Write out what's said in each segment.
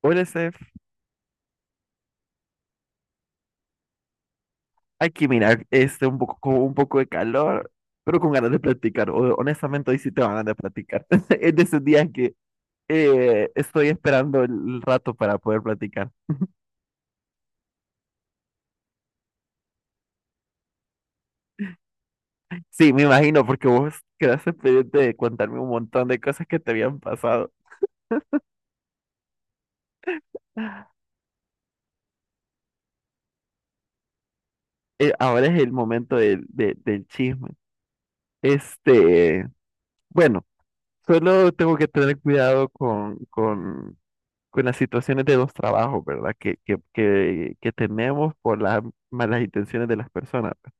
Hola, Steph. Aquí, mira, este, un poco, con un poco de calor, pero con ganas de platicar. Honestamente, hoy sí te van a platicar. Es de esos días que estoy esperando el rato para poder platicar. Sí, me imagino, porque vos quedaste pendiente de contarme un montón de cosas que te habían pasado. Ahora es el momento del chisme. Este, bueno, solo tengo que tener cuidado con las situaciones de los trabajos, ¿verdad? Que tenemos por las malas intenciones de las personas. Pues.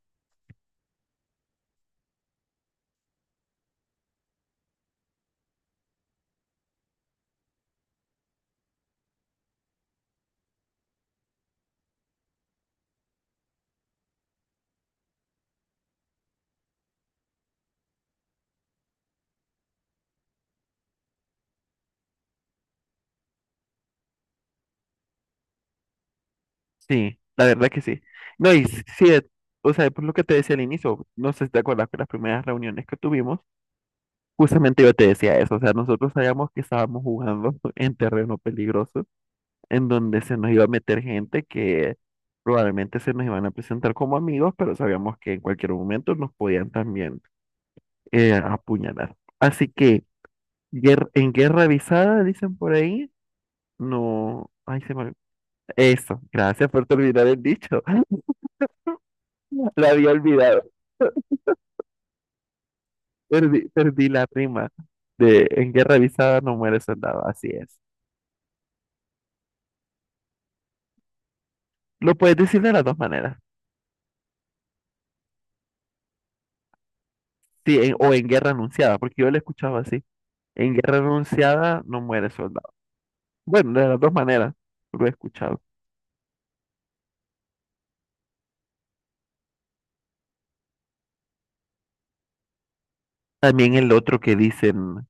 Sí, la verdad que sí. No, y sí, o sea, por lo que te decía al inicio, no sé si te acuerdas que las primeras reuniones que tuvimos, justamente yo te decía eso, o sea, nosotros sabíamos que estábamos jugando en terreno peligroso, en donde se nos iba a meter gente que probablemente se nos iban a presentar como amigos, pero sabíamos que en cualquier momento nos podían también apuñalar. Así que... En guerra avisada, dicen por ahí. No, ay, se me... Eso, gracias por terminar el dicho. La había olvidado. Perdí la rima de en guerra avisada no muere soldado, así es. Lo puedes decir de las dos maneras. Sí, o en guerra anunciada, porque yo lo escuchaba así. En guerra anunciada no muere soldado. Bueno, de las dos maneras lo he escuchado. También el otro que dicen,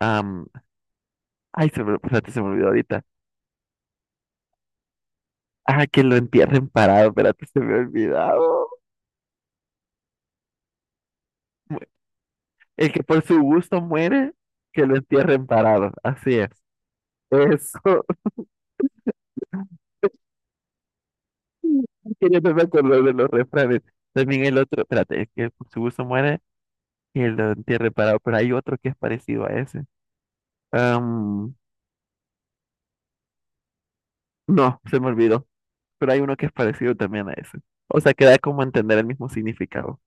am, ay, se me, espérate, se me olvidó ahorita. Ah, que lo entierren parado, espérate, se me ha olvidado. El que por su gusto muere, que lo entierren parado. Así es. Eso. Que yo no me acuerdo de los refranes. También el otro, espérate, el que por su gusto muere, que lo entierren parado. Pero hay otro que es parecido a ese. Am, no, se me olvidó. Pero hay uno que es parecido también a ese. O sea, que da como a entender el mismo significado.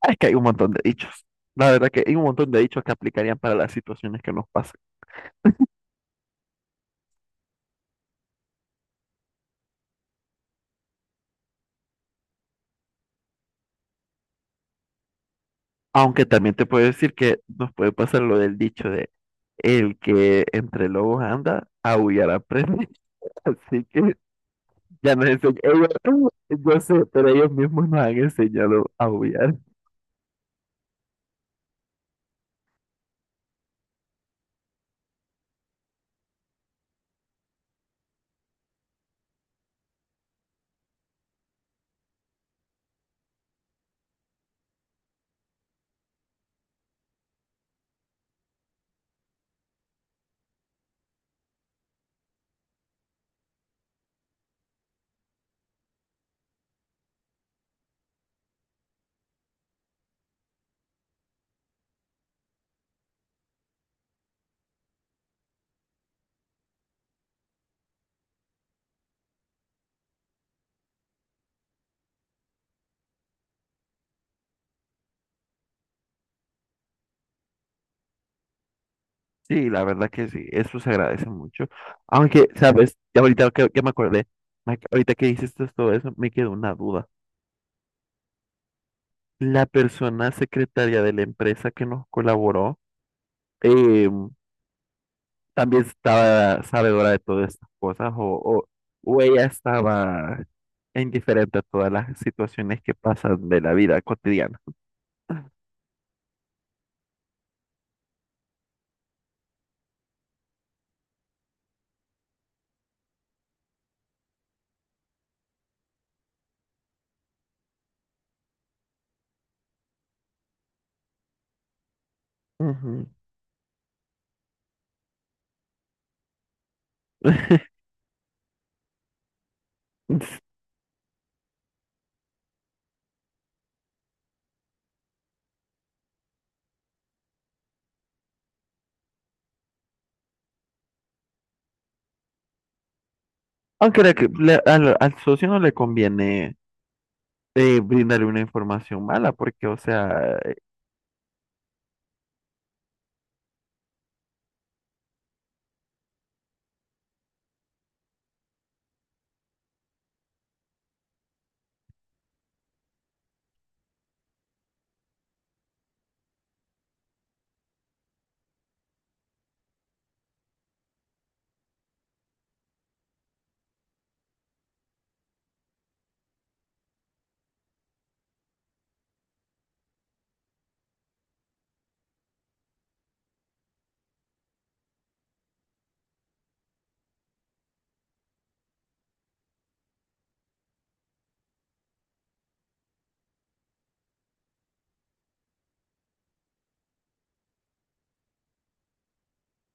Ah, es que hay un montón de dichos. La verdad que hay un montón de dichos que aplicarían para las situaciones que nos pasan. Aunque también te puedo decir que nos puede pasar lo del dicho de el que entre lobos anda, aullar aprende. Así que ya nos enseñan. Ellos, yo sé, pero ellos mismos nos han enseñado a aullar. Sí, la verdad que sí, eso se agradece mucho. Aunque, ¿sabes? Ya ahorita que me acordé, ahorita que dices todo eso, me quedó una duda. La persona secretaria de la empresa que nos colaboró, eh, ¿también estaba sabedora de todas estas cosas o ella estaba e indiferente a todas las situaciones que pasan de la vida cotidiana? Ujú. Aunque al socio no le conviene brindarle una información mala, porque, o sea,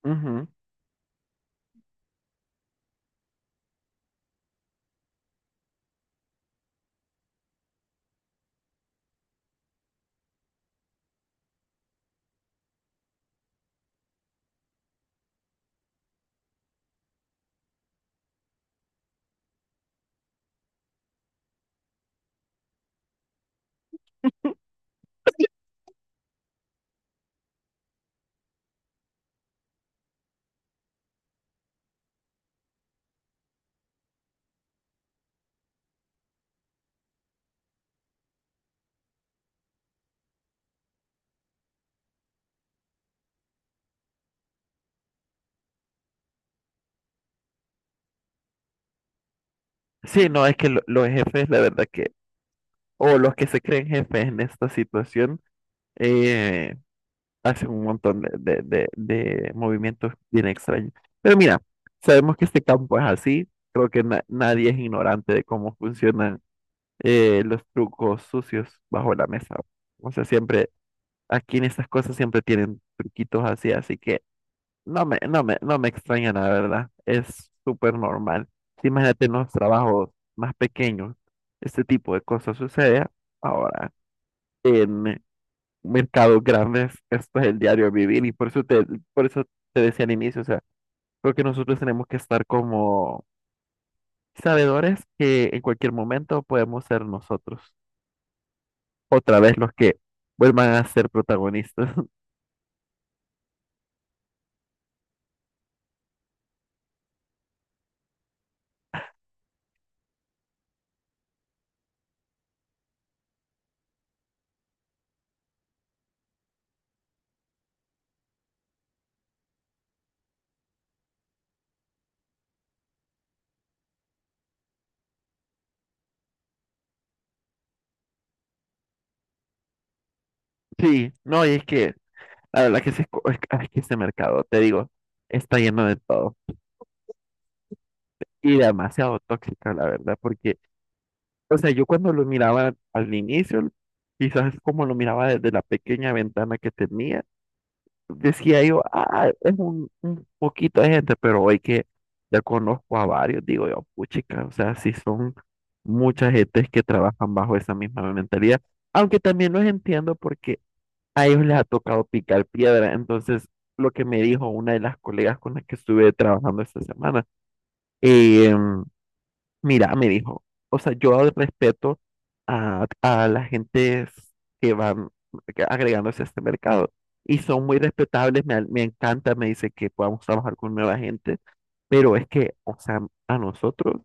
ujú. Sí, no, es que los jefes, la verdad que, o los que se creen jefes en esta situación, eh, hacen un montón de movimientos bien extraños. Pero mira, sabemos que este campo es así, creo que nadie es ignorante de cómo funcionan los trucos sucios bajo la mesa. O sea, siempre, aquí en estas cosas siempre tienen truquitos así, así que no me extraña, la verdad. Es súper normal. Sí, imagínate en los trabajos más pequeños, este tipo de cosas sucede. Ahora, en mercados grandes, esto es el diario vivir y por eso te decía al inicio, o sea, creo que nosotros tenemos que estar como sabedores que en cualquier momento podemos ser nosotros, otra vez los que vuelvan a ser protagonistas. Sí, no, y es que la verdad que, se, es que ese mercado, te digo, está lleno de todo. Y demasiado tóxica, la verdad, porque, o sea, yo cuando lo miraba al inicio, quizás como lo miraba desde la pequeña ventana que tenía, decía yo, ah, es un poquito de gente, pero hoy que ya conozco a varios, digo yo, puchica, o sea, sí son muchas gentes que trabajan bajo esa misma mentalidad, aunque también los entiendo porque a ellos les ha tocado picar piedra, entonces, lo que me dijo una de las colegas con las que estuve trabajando esta semana, em, mira, me dijo, o sea, yo respeto a las gentes que van agregándose a este mercado y son muy respetables, me encanta, me dice que podamos trabajar con nueva gente, pero es que, o sea, a nosotros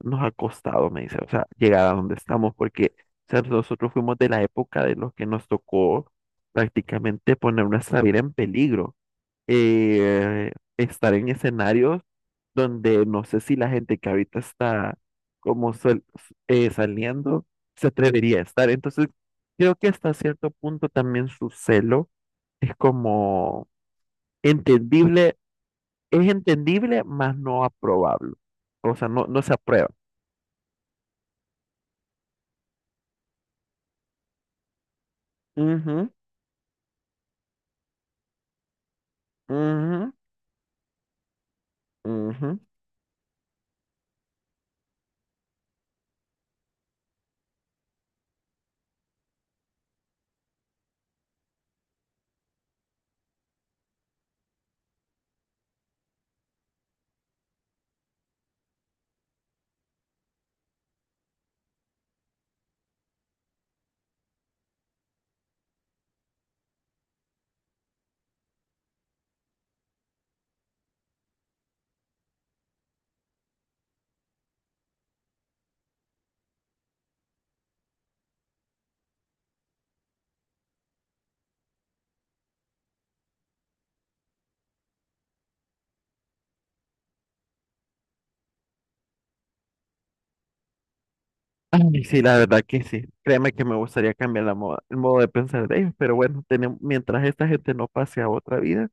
nos ha costado, me dice, o sea, llegar a donde estamos, porque, o sea, nosotros fuimos de la época de los que nos tocó prácticamente poner nuestra vida en peligro, eh, estar en escenarios donde no sé si la gente que ahorita está como sal- saliendo se atrevería a estar. Entonces, creo que hasta cierto punto también su celo es como entendible, es entendible, mas no aprobable. O sea, no, no se aprueba. Ujú, ujú, ujú. Ay, sí, la verdad que sí. Créeme que me gustaría cambiar la el modo de pensar de ellos, pero bueno, tenemos, mientras esta gente no pase a otra vida,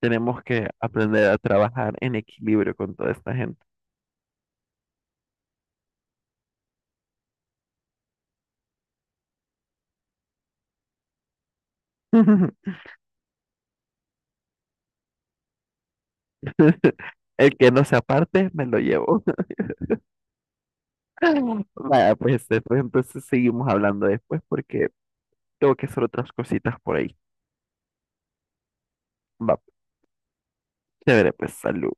tenemos que aprender a trabajar en equilibrio con toda esta gente. El que no se aparte, me lo llevo. Vaya, pues después entonces seguimos hablando después porque tengo que hacer otras cositas por ahí. Va, chévere, pues salud.